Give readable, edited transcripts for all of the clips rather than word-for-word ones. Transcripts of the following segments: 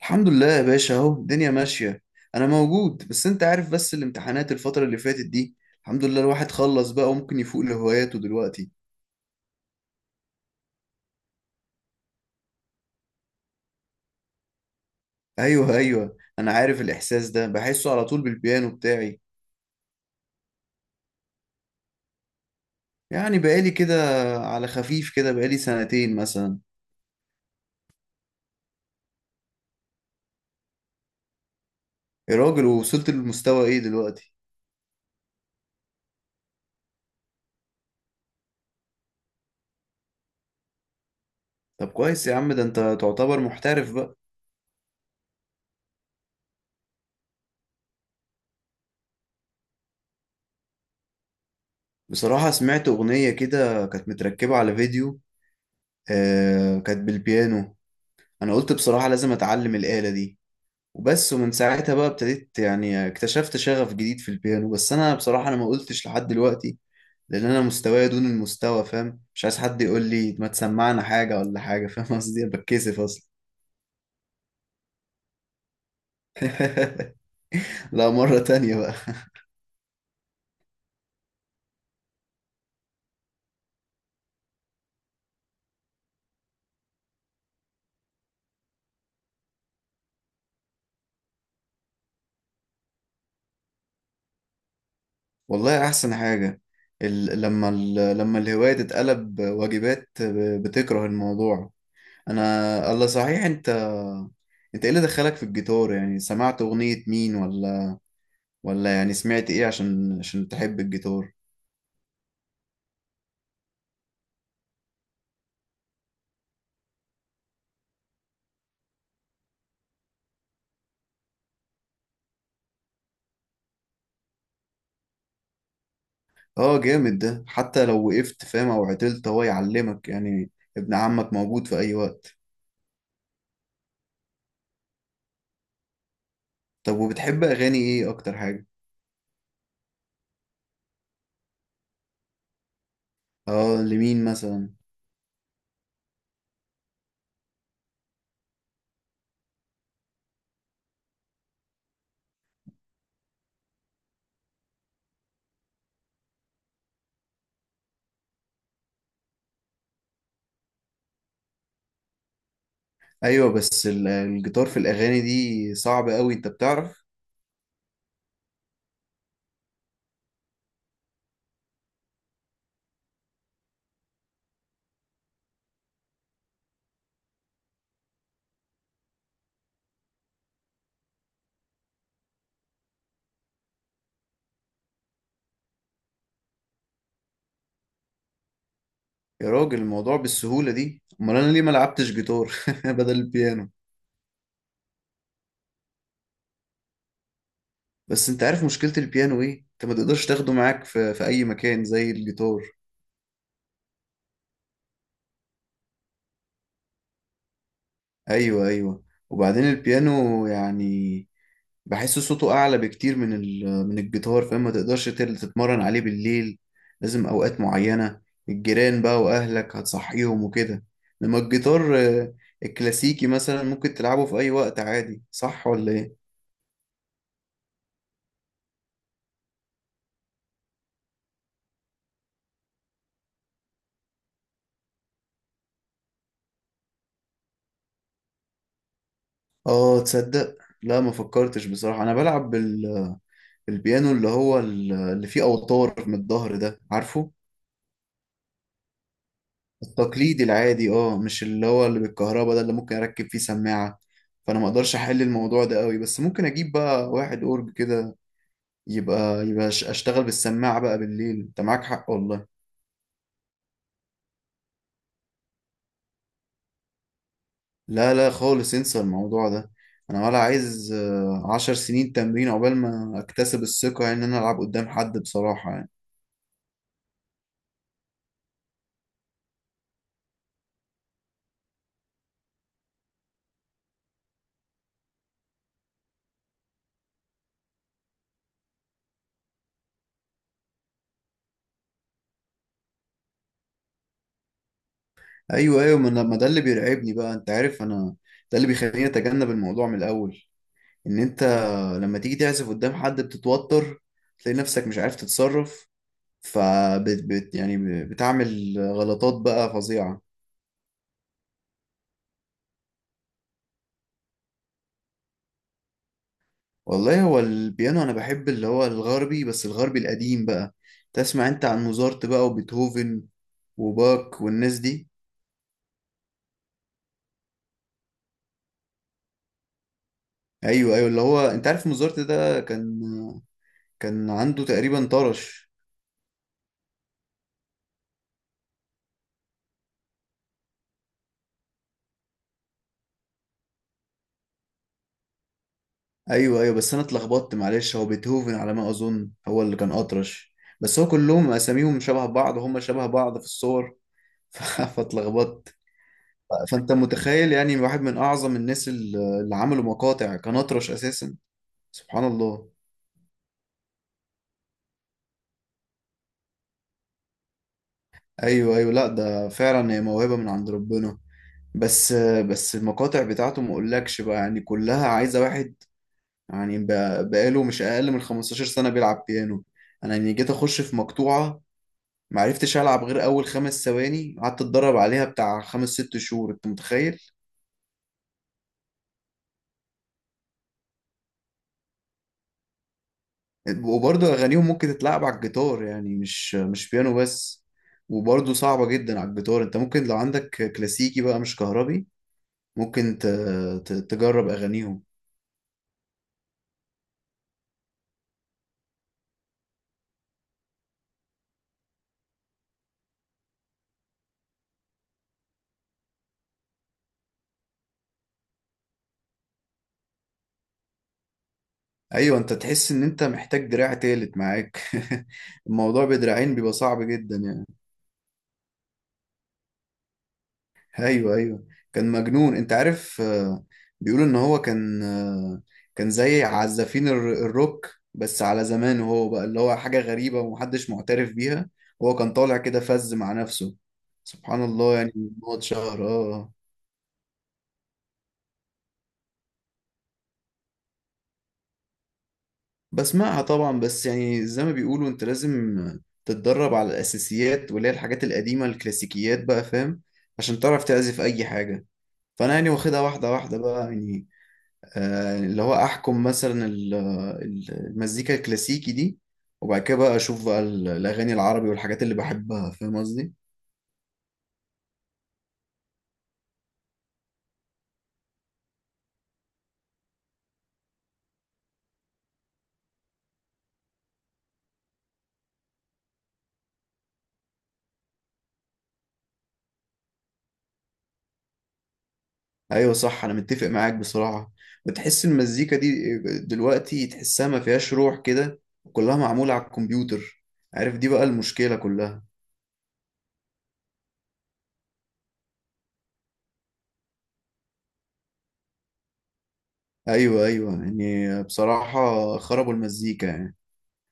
الحمد لله يا باشا، اهو الدنيا ماشية. انا موجود، بس انت عارف بس الامتحانات الفترة اللي فاتت دي. الحمد لله الواحد خلص بقى وممكن يفوق لهواياته دلوقتي. ايوه انا عارف الاحساس ده، بحسه على طول بالبيانو بتاعي. يعني بقالي كده، على خفيف كده بقالي سنتين مثلا. يا راجل ووصلت للمستوى ايه دلوقتي؟ طب كويس يا عم، ده انت تعتبر محترف بقى. بصراحة سمعت اغنية كده كانت متركبة على فيديو. آه كانت بالبيانو. انا قلت بصراحة لازم اتعلم الآلة دي. وبس، ومن ساعتها بقى ابتديت يعني اكتشفت شغف جديد في البيانو. بس انا بصراحة ما قلتش لحد دلوقتي، لان انا مستواي دون المستوى فاهم، مش عايز حد يقول لي ما تسمعنا حاجة ولا حاجة، فاهم قصدي؟ أنا بتكسف اصلا. لا، مرة تانية بقى. والله احسن حاجة. لما الهواية تتقلب واجبات بتكره الموضوع. انا. الله، صحيح انت، انت ايه اللي دخلك في الجيتار؟ يعني سمعت اغنية مين؟ ولا ولا يعني سمعت ايه عشان عشان تحب الجيتار؟ اه جامد، ده حتى لو وقفت فاهم او عطلت هو يعلمك يعني. ابن عمك موجود في اي وقت؟ طب وبتحب اغاني ايه اكتر حاجة؟ اه لمين مثلا؟ ايوه، بس الجيتار في الاغاني دي صعب قوي، انت بتعرف؟ يا راجل الموضوع بالسهولة دي؟ امال انا ليه ما لعبتش جيتار بدل البيانو؟ بس انت عارف مشكلة البيانو ايه؟ انت ما تقدرش تاخده معاك في اي مكان زي الجيتار. ايوه. وبعدين البيانو يعني بحس صوته اعلى بكتير من من الجيتار، فاهم؟ ما تقدرش تتمرن عليه بالليل، لازم اوقات معينة. الجيران بقى واهلك هتصحيهم وكده. لما الجيتار الكلاسيكي مثلا ممكن تلعبه في اي وقت عادي، صح ولا ايه؟ اه تصدق، لا ما فكرتش بصراحة. انا بلعب بالبيانو اللي هو اللي فيه اوتار من الظهر ده، عارفه؟ التقليدي العادي، اه، مش اللي هو اللي بالكهرباء ده اللي ممكن اركب فيه سماعة. فانا ما اقدرش احل الموضوع ده قوي، بس ممكن اجيب بقى واحد اورج كده، يبقى اشتغل بالسماعة بقى بالليل. انت معاك حق والله. لا لا خالص، انسى الموضوع ده. انا ولا عايز عشر سنين تمرين عقبال ما اكتسب الثقة يعني ان انا العب قدام حد، بصراحة يعني. ايوه ما ده اللي بيرعبني بقى، انت عارف انا، ده اللي بيخليني اتجنب الموضوع من الاول. ان انت لما تيجي تعزف قدام حد بتتوتر، تلاقي نفسك مش عارف تتصرف، فبت بت يعني بتعمل غلطات بقى فظيعة. والله هو البيانو انا بحب اللي هو الغربي، بس الغربي القديم بقى. تسمع انت عن موزارت بقى وبيتهوفن وباك والناس دي؟ ايوه اللي هو انت عارف موزارت ده كان، كان عنده تقريبا طرش. ايوه بس انا اتلخبطت معلش، هو بيتهوفن على ما اظن هو اللي كان اطرش. بس هو كلهم اساميهم شبه بعض، هم شبه بعض في الصور. فاتلخبطت. فانت متخيل يعني واحد من اعظم الناس اللي عملوا مقاطع كان اطرش اساسا، سبحان الله. ايوه لا ده فعلا هي موهبة من عند ربنا. بس بس المقاطع بتاعته ما اقولكش بقى، يعني كلها عايزة واحد يعني بقاله مش اقل من 15 سنة بيلعب بيانو. انا يعني جيت اخش في مقطوعة، معرفتش العب غير اول خمس ثواني، قعدت اتدرب عليها بتاع خمس ست شهور، انت متخيل؟ وبرضه اغانيهم ممكن تتلعب على الجيتار، يعني مش بيانو بس. وبرضه صعبة جدا على الجيتار. انت ممكن لو عندك كلاسيكي بقى مش كهربي ممكن تجرب اغانيهم. ايوه، انت تحس ان انت محتاج دراع تالت معاك. الموضوع بدراعين بيبقى صعب جدا يعني. ايوه كان مجنون، انت عارف بيقولوا ان هو كان، كان زي عزافين الروك، بس على زمانه هو بقى اللي هو حاجة غريبة ومحدش معترف بيها. هو كان طالع كده فز مع نفسه، سبحان الله يعني. هو اتشهر اه. آه. بسمعها طبعا، بس يعني زي ما بيقولوا انت لازم تتدرب على الاساسيات واللي هي الحاجات القديمة الكلاسيكيات بقى، فاهم؟ عشان تعرف تعزف اي حاجة. فانا يعني واخدها واحدة واحدة بقى يعني، اللي هو احكم مثلا المزيكا الكلاسيكي دي، وبعد كده بقى اشوف بقى الاغاني العربي والحاجات اللي بحبها، فاهم قصدي؟ ايوه صح انا متفق معاك بصراحه. بتحس المزيكا دي دلوقتي تحسها ما فيهاش روح كده، كلها معموله على الكمبيوتر، عارف؟ دي بقى المشكله كلها. ايوه يعني بصراحه خربوا المزيكا يعني.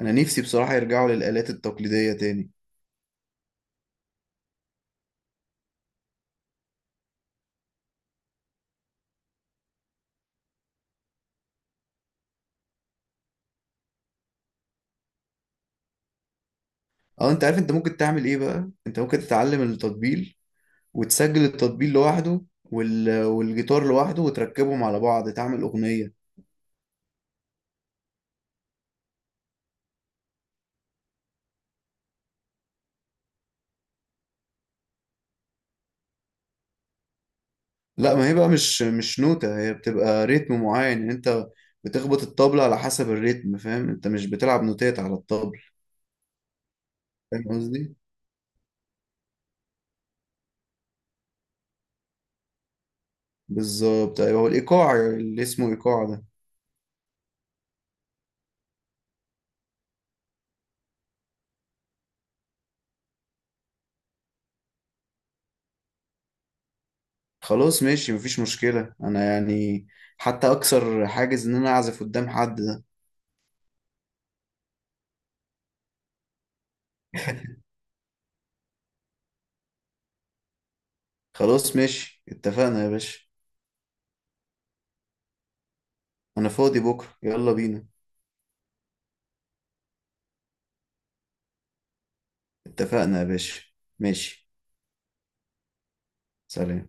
انا نفسي بصراحه يرجعوا للالات التقليديه تاني. اه انت عارف انت ممكن تعمل ايه بقى؟ انت ممكن تتعلم التطبيل وتسجل التطبيق لوحده والجيتار لوحده وتركبهم على بعض تعمل أغنية. لا ما هي بقى مش نوتة، هي بتبقى ريتم معين. يعني انت بتخبط الطبلة على حسب الريتم، فاهم؟ انت مش بتلعب نوتات على الطبل، فاهم قصدي؟ بالظبط ايوه، هو الإيقاع اللي اسمه إيقاع ده. خلاص ماشي مفيش مشكلة، انا يعني حتى اكسر حاجز ان انا اعزف قدام حد ده. خلاص ماشي، اتفقنا يا باشا. انا فاضي بكرة، يلا بينا. اتفقنا يا باشا. ماشي. سلام.